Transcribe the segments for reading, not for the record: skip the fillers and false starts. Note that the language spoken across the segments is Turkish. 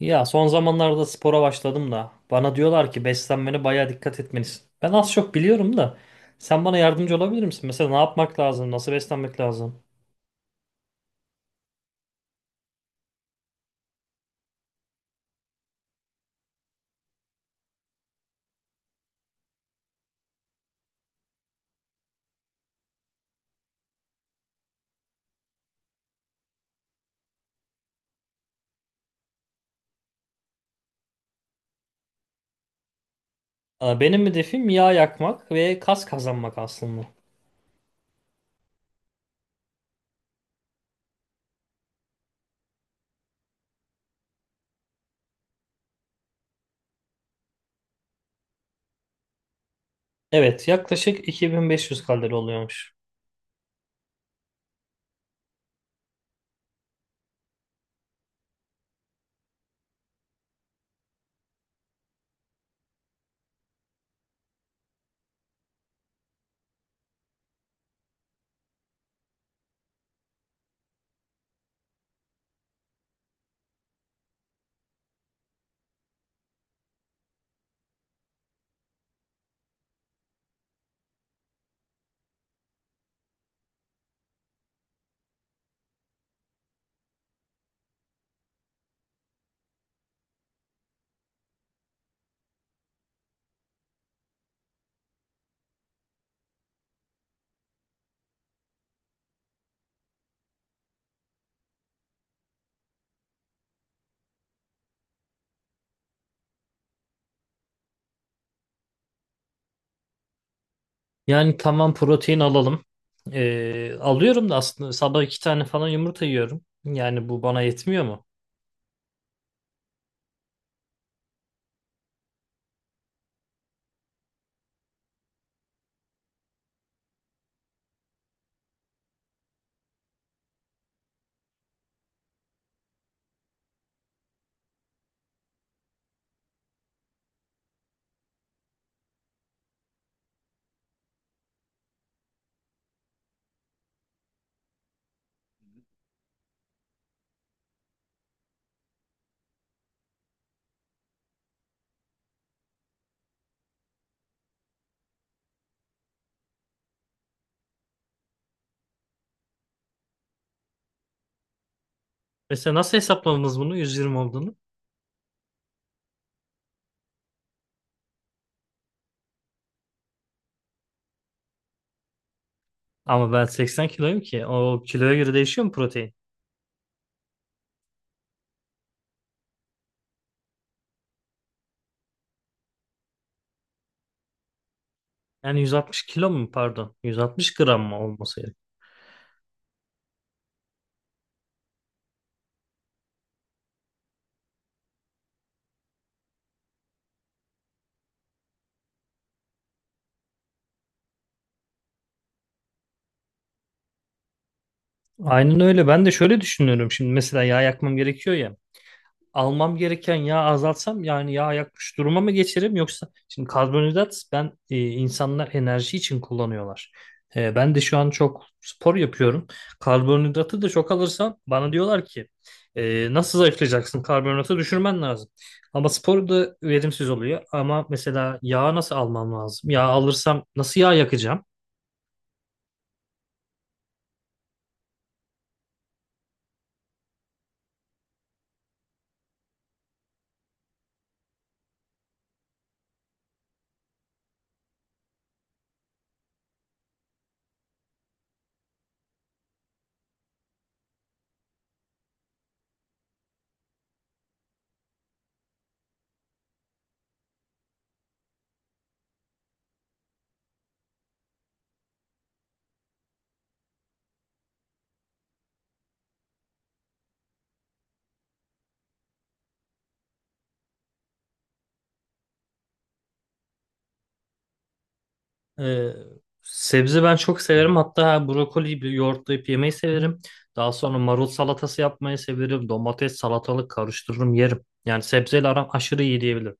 Ya son zamanlarda spora başladım da bana diyorlar ki beslenmene bayağı dikkat etmelisin. Ben az çok biliyorum da sen bana yardımcı olabilir misin? Mesela ne yapmak lazım? Nasıl beslenmek lazım? Benim hedefim yağ yakmak ve kas kazanmak aslında. Evet, yaklaşık 2500 kalori oluyormuş. Yani tamam protein alalım. Alıyorum da aslında sabah iki tane falan yumurta yiyorum. Yani bu bana yetmiyor mu? Mesela nasıl hesapladınız bunu 120 olduğunu? Ama ben 80 kiloyum ki. O kiloya göre değişiyor mu protein? Yani 160 kilo mu pardon? 160 gram mı olması gerek? Aynen öyle. Ben de şöyle düşünüyorum. Şimdi mesela yağ yakmam gerekiyor ya. Almam gereken yağı azaltsam yani yağ yakmış duruma mı geçerim yoksa şimdi karbonhidrat ben insanlar enerji için kullanıyorlar. Ben de şu an çok spor yapıyorum. Karbonhidratı da çok alırsam bana diyorlar ki nasıl zayıflayacaksın? Karbonhidratı düşürmen lazım. Ama spor da verimsiz oluyor. Ama mesela yağ nasıl almam lazım? Yağ alırsam nasıl yağ yakacağım? Ee, sebze ben çok severim. Hatta brokoliyi bir yoğurtlayıp yemeyi severim. Daha sonra marul salatası yapmayı severim. Domates, salatalık karıştırırım, yerim. Yani sebzeyle aram aşırı iyi diyebilirim.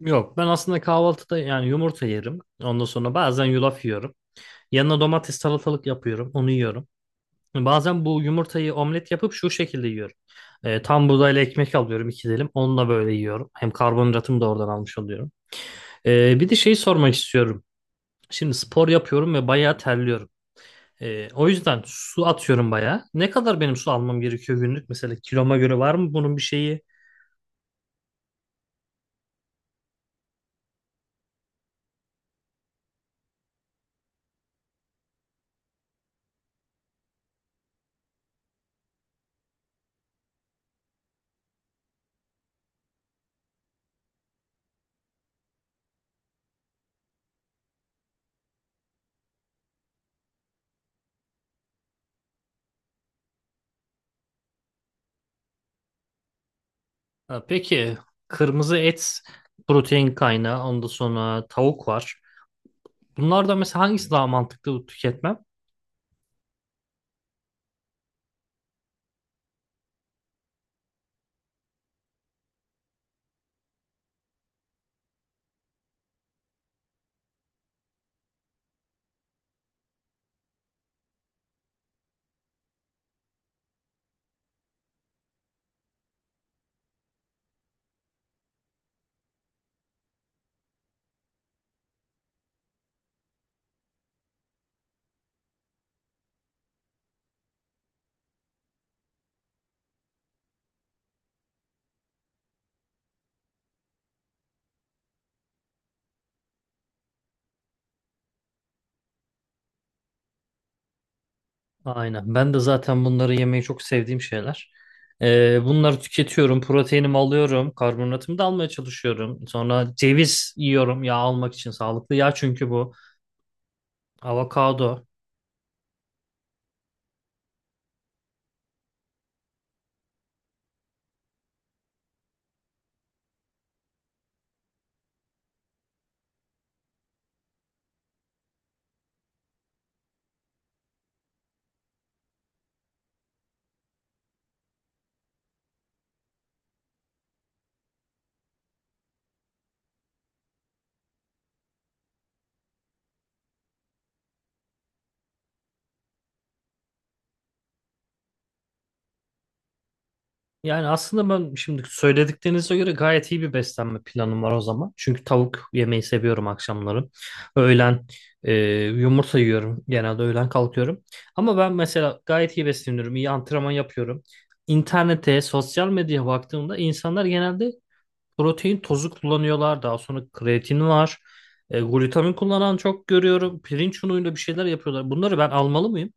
Yok, ben aslında kahvaltıda yani yumurta yerim. Ondan sonra bazen yulaf yiyorum. Yanına domates, salatalık yapıyorum, onu yiyorum. Bazen bu yumurtayı omlet yapıp şu şekilde yiyorum. Tam buğdayla ekmek alıyorum iki dilim. Onunla böyle yiyorum. Hem karbonhidratımı da oradan almış oluyorum. Bir de şeyi sormak istiyorum. Şimdi spor yapıyorum ve bayağı terliyorum. O yüzden su atıyorum bayağı. Ne kadar benim su almam gerekiyor günlük? Mesela kiloma göre var mı bunun bir şeyi? Ha, peki kırmızı et protein kaynağı. Ondan sonra tavuk var. Bunlardan mesela hangisi daha mantıklı tüketmem? Aynen. Ben de zaten bunları yemeyi çok sevdiğim şeyler. Bunları tüketiyorum. Proteinimi alıyorum. Karbonatımı da almaya çalışıyorum. Sonra ceviz yiyorum yağ almak için. Sağlıklı yağ çünkü bu. Avokado. Yani aslında ben şimdi söylediklerinize göre gayet iyi bir beslenme planım var o zaman. Çünkü tavuk yemeyi seviyorum akşamları. Öğlen e, yumurta yiyorum. Genelde öğlen kalkıyorum. Ama ben mesela gayet iyi besleniyorum. İyi antrenman yapıyorum. İnternete, sosyal medyaya baktığımda insanlar genelde protein tozu kullanıyorlar. Daha sonra kreatin var. Glutamin kullanan çok görüyorum. Pirinç unuyla bir şeyler yapıyorlar. Bunları ben almalı mıyım?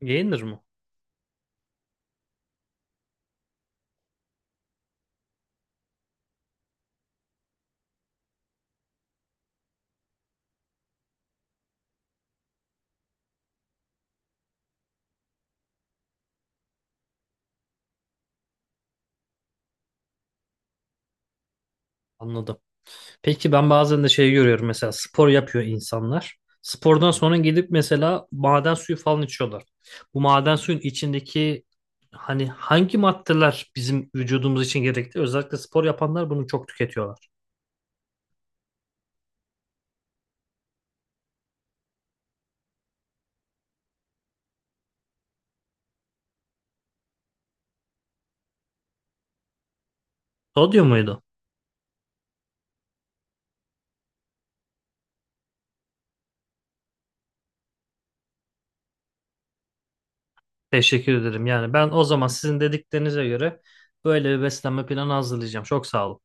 Yenir mi? Anladım. Peki ben bazen de şey görüyorum mesela spor yapıyor insanlar. Spordan sonra gidip mesela maden suyu falan içiyorlar. Bu maden suyun içindeki hani hangi maddeler bizim vücudumuz için gerekli? Özellikle spor yapanlar bunu çok tüketiyorlar. Sodyum muydu? Teşekkür ederim. Yani ben o zaman sizin dediklerinize göre böyle bir beslenme planı hazırlayacağım. Çok sağ olun.